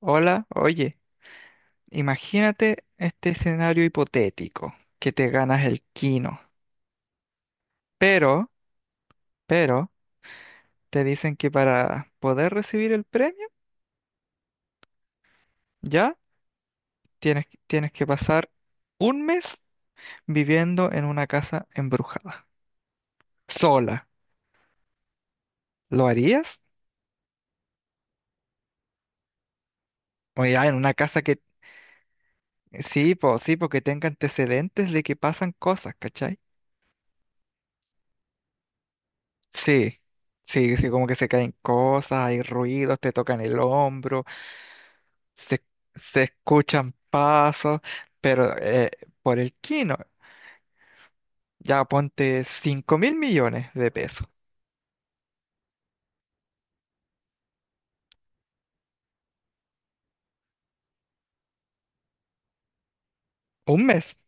Hola, oye, imagínate este escenario hipotético, que te ganas el quino, pero, pero, te dicen que para poder recibir el premio, ya tienes que pasar un mes viviendo en una casa embrujada, sola. ¿Lo harías? O ya en una casa que, sí, po, sí, porque tenga antecedentes de que pasan cosas, ¿cachai? Sí, sí, sí, como que se caen cosas, hay ruidos, te tocan el hombro. se, se escuchan pasos, pero por el quino, ya ponte 5.000 millones de pesos, un mes.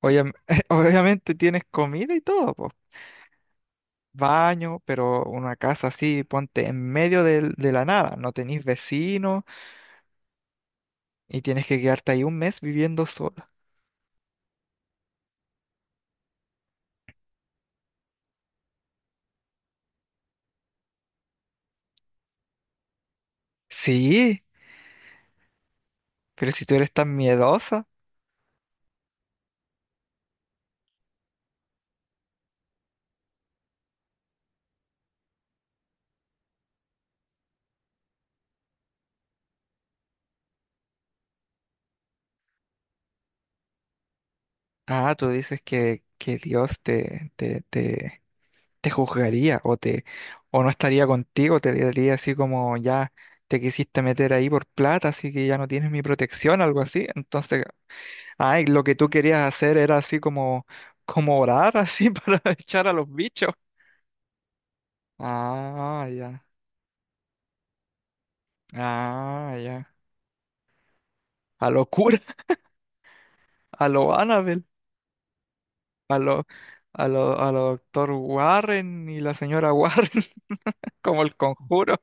Obvia- obviamente tienes comida y todo, pues, baño, pero una casa así, ponte en medio de la nada, no tenés vecinos y tienes que quedarte ahí un mes viviendo sola. Sí, pero si tú eres tan miedosa, ah, tú dices que Dios te juzgaría o te o no estaría contigo, te diría así como ya te quisiste meter ahí por plata, así que ya no tienes mi protección, algo así. Entonces, ay, lo que tú querías hacer era así como orar así para echar a los bichos. Ah, ya. Ah, ya. A lo cura, a lo Annabelle, a lo doctor Warren y la señora Warren, como el conjuro.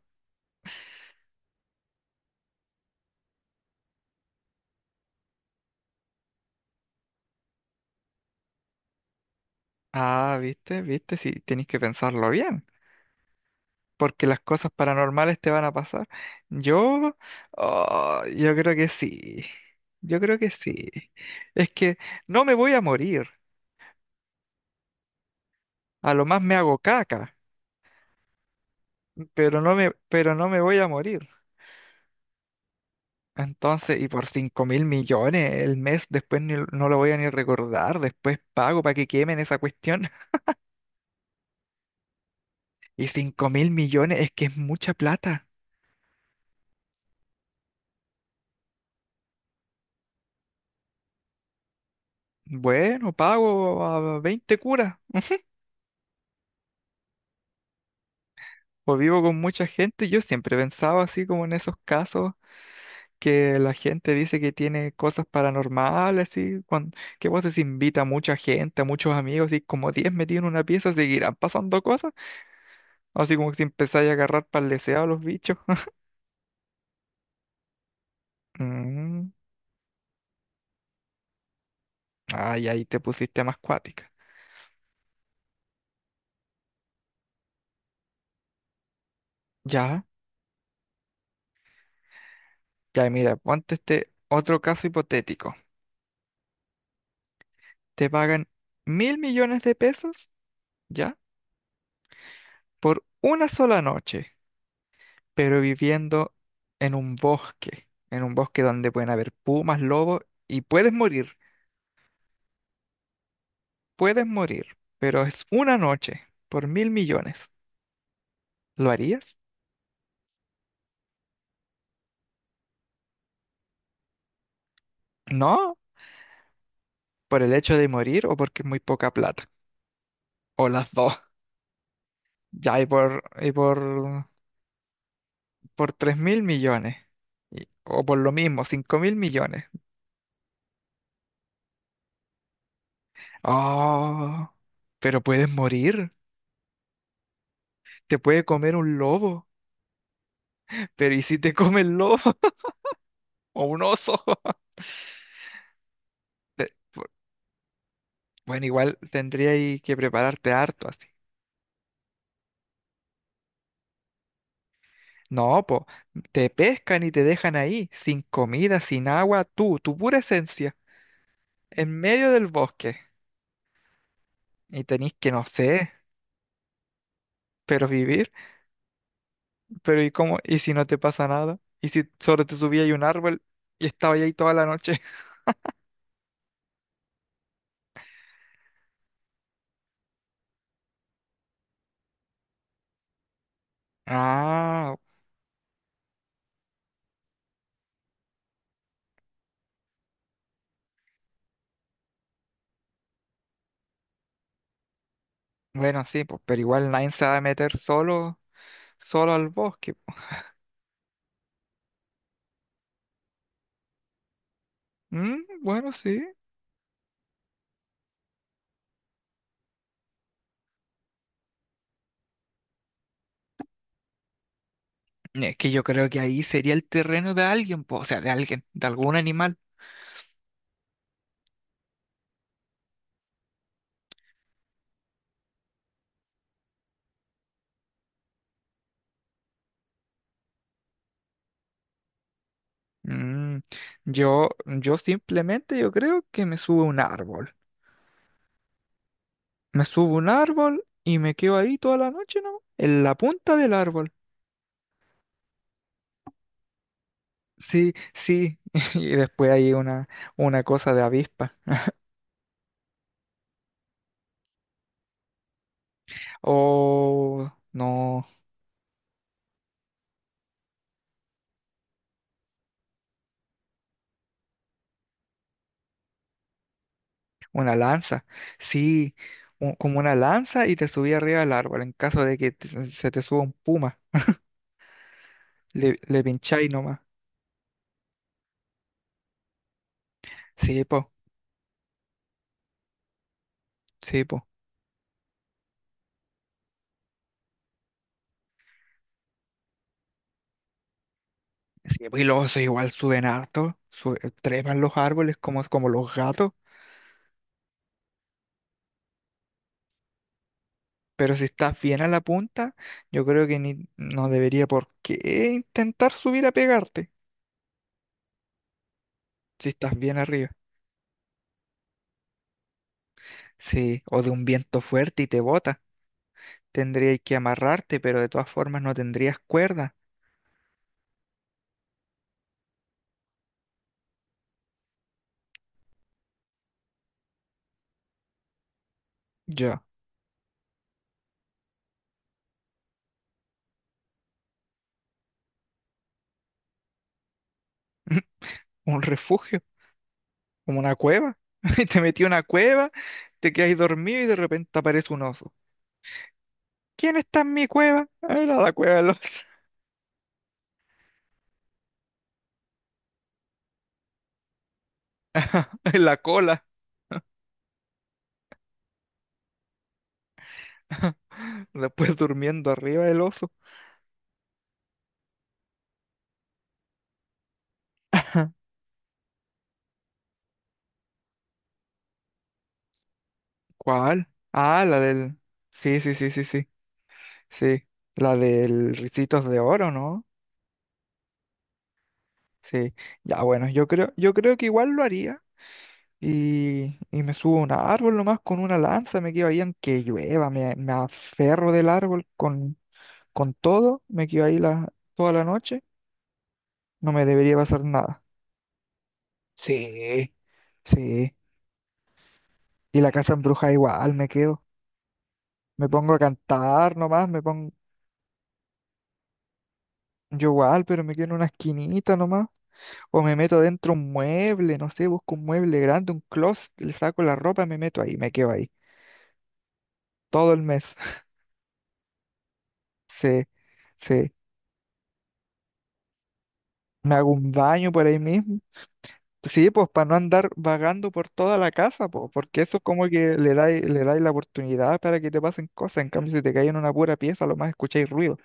Ah, viste, viste, si tenéis que pensarlo bien. Porque las cosas paranormales te van a pasar. Yo, oh, yo creo que sí. Yo creo que sí. Es que no me voy a morir. A lo más me hago caca, pero no me voy a morir. Entonces, y por 5.000 millones el mes, después no lo voy a ni recordar, después pago para que quemen esa cuestión. Y 5.000 millones es que es mucha plata. Bueno, pago a 20 curas, o vivo con mucha gente. Yo siempre pensaba así como en esos casos que la gente dice que tiene cosas paranormales, y que vos decís, invita a mucha gente, a muchos amigos, y como 10 metidos en una pieza, seguirán pasando cosas, así como que si empezáis a agarrar leseado a los bichos. Mm, ay, ahí te pusiste más cuática. Ya, ya, mira, ponte este otro caso hipotético. Te pagan 1.000 millones de pesos, ¿ya? Por una sola noche, pero viviendo en un bosque donde pueden haber pumas, lobos, y puedes morir. Puedes morir, pero es una noche por 1.000 millones. ¿Lo harías? No, por el hecho de morir o porque es muy poca plata. O las dos. Ya, por 3.000 millones. O por lo mismo, 5.000 millones. Oh, pero puedes morir. Te puede comer un lobo. Pero ¿y si te come el lobo? O un oso. Te- por- Bueno, igual tendría ahí que prepararte harto así. No, po, te pescan y te dejan ahí, sin comida, sin agua, tú, tu pura esencia, en medio del bosque. Y tenés que, no sé, pero vivir. Pero ¿y cómo? ¿Y si no te pasa nada? ¿Y si solo te subías a un árbol y estabas ahí toda la noche? Ah, bueno, sí, pues, pero igual nadie se va a meter solo, solo al bosque, po. Mm, bueno, sí. Es que yo creo que ahí sería el terreno de alguien, po, o sea, de alguien, de algún animal. Mm, yo simplemente yo creo que me subo a un árbol. Me subo a un árbol y me quedo ahí toda la noche, ¿no? En la punta del árbol. Sí, sí. Y después hay una cosa de avispa. O no, una lanza. Sí, como una lanza y te subí arriba del árbol en caso de que se te suba un puma. Le pincháis nomás. Sí, po, sí, po. Sí, pues, y los osos igual suben harto, trepan los árboles como los gatos, pero si estás bien a la punta, yo creo que ni, no debería por qué intentar subir a pegarte, si estás bien arriba. Sí, o de un viento fuerte y te bota, tendrías que amarrarte, pero de todas formas no tendrías cuerda. Ya. Un refugio, como una cueva. Y te metí a una cueva, te quedas ahí dormido y de repente aparece un oso. ¿Quién está en mi cueva? Era la cueva de los- en la cola. Después durmiendo arriba del oso. ¿Cuál? Ah, la del... Sí, sí, sí, sí, sí. Sí, la del Ricitos de Oro, ¿no? Sí. Ya, bueno, yo creo que igual lo haría. Y me subo a un árbol nomás con una lanza, me quedo ahí aunque llueva, me aferro del árbol con todo, me quedo ahí toda la noche, no me debería pasar nada. Sí, sí. Y la casa embrujada igual, me quedo. Me pongo a cantar nomás, me pongo Yo igual, pero me quedo en una esquinita nomás. O me meto dentro un mueble, no sé, busco un mueble grande, un closet, le saco la ropa, me meto ahí, me quedo ahí. Todo el mes. Sí, sí. Me hago un baño por ahí mismo. Sí, pues para no andar vagando por toda la casa, pues, porque eso es como que le dais la oportunidad para que te pasen cosas. En cambio, si te caes en una pura pieza, lo más escucháis ruido.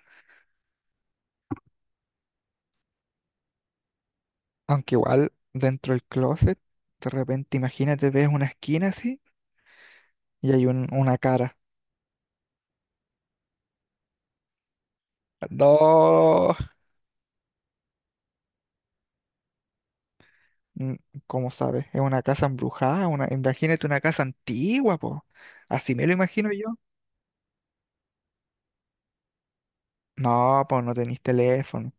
Aunque igual, dentro del closet, de repente, imagínate, ves una esquina así y hay una cara. No. Mm, ¿Cómo sabes? Es una casa embrujada, una... imagínate una casa antigua, po. Así me lo imagino yo. No, pues no tenéis teléfono.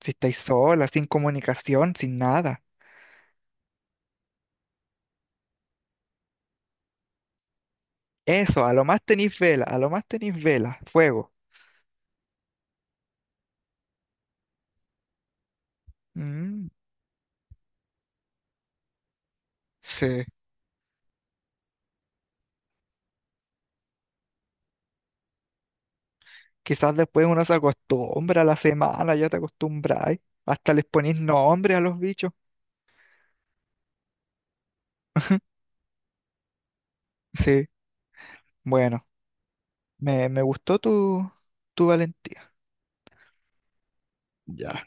Si estáis sola, sin comunicación, sin nada. Eso, a lo más tenéis vela, a lo más tenéis vela, fuego. Mm, sí. Quizás después uno se acostumbra a la semana, ya te acostumbráis. Hasta les ponéis nombre a los bichos. Sí, bueno, me gustó tu valentía. Ya.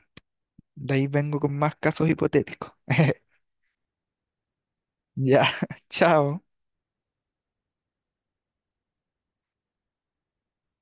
De ahí vengo con más casos hipotéticos. Ya, chao.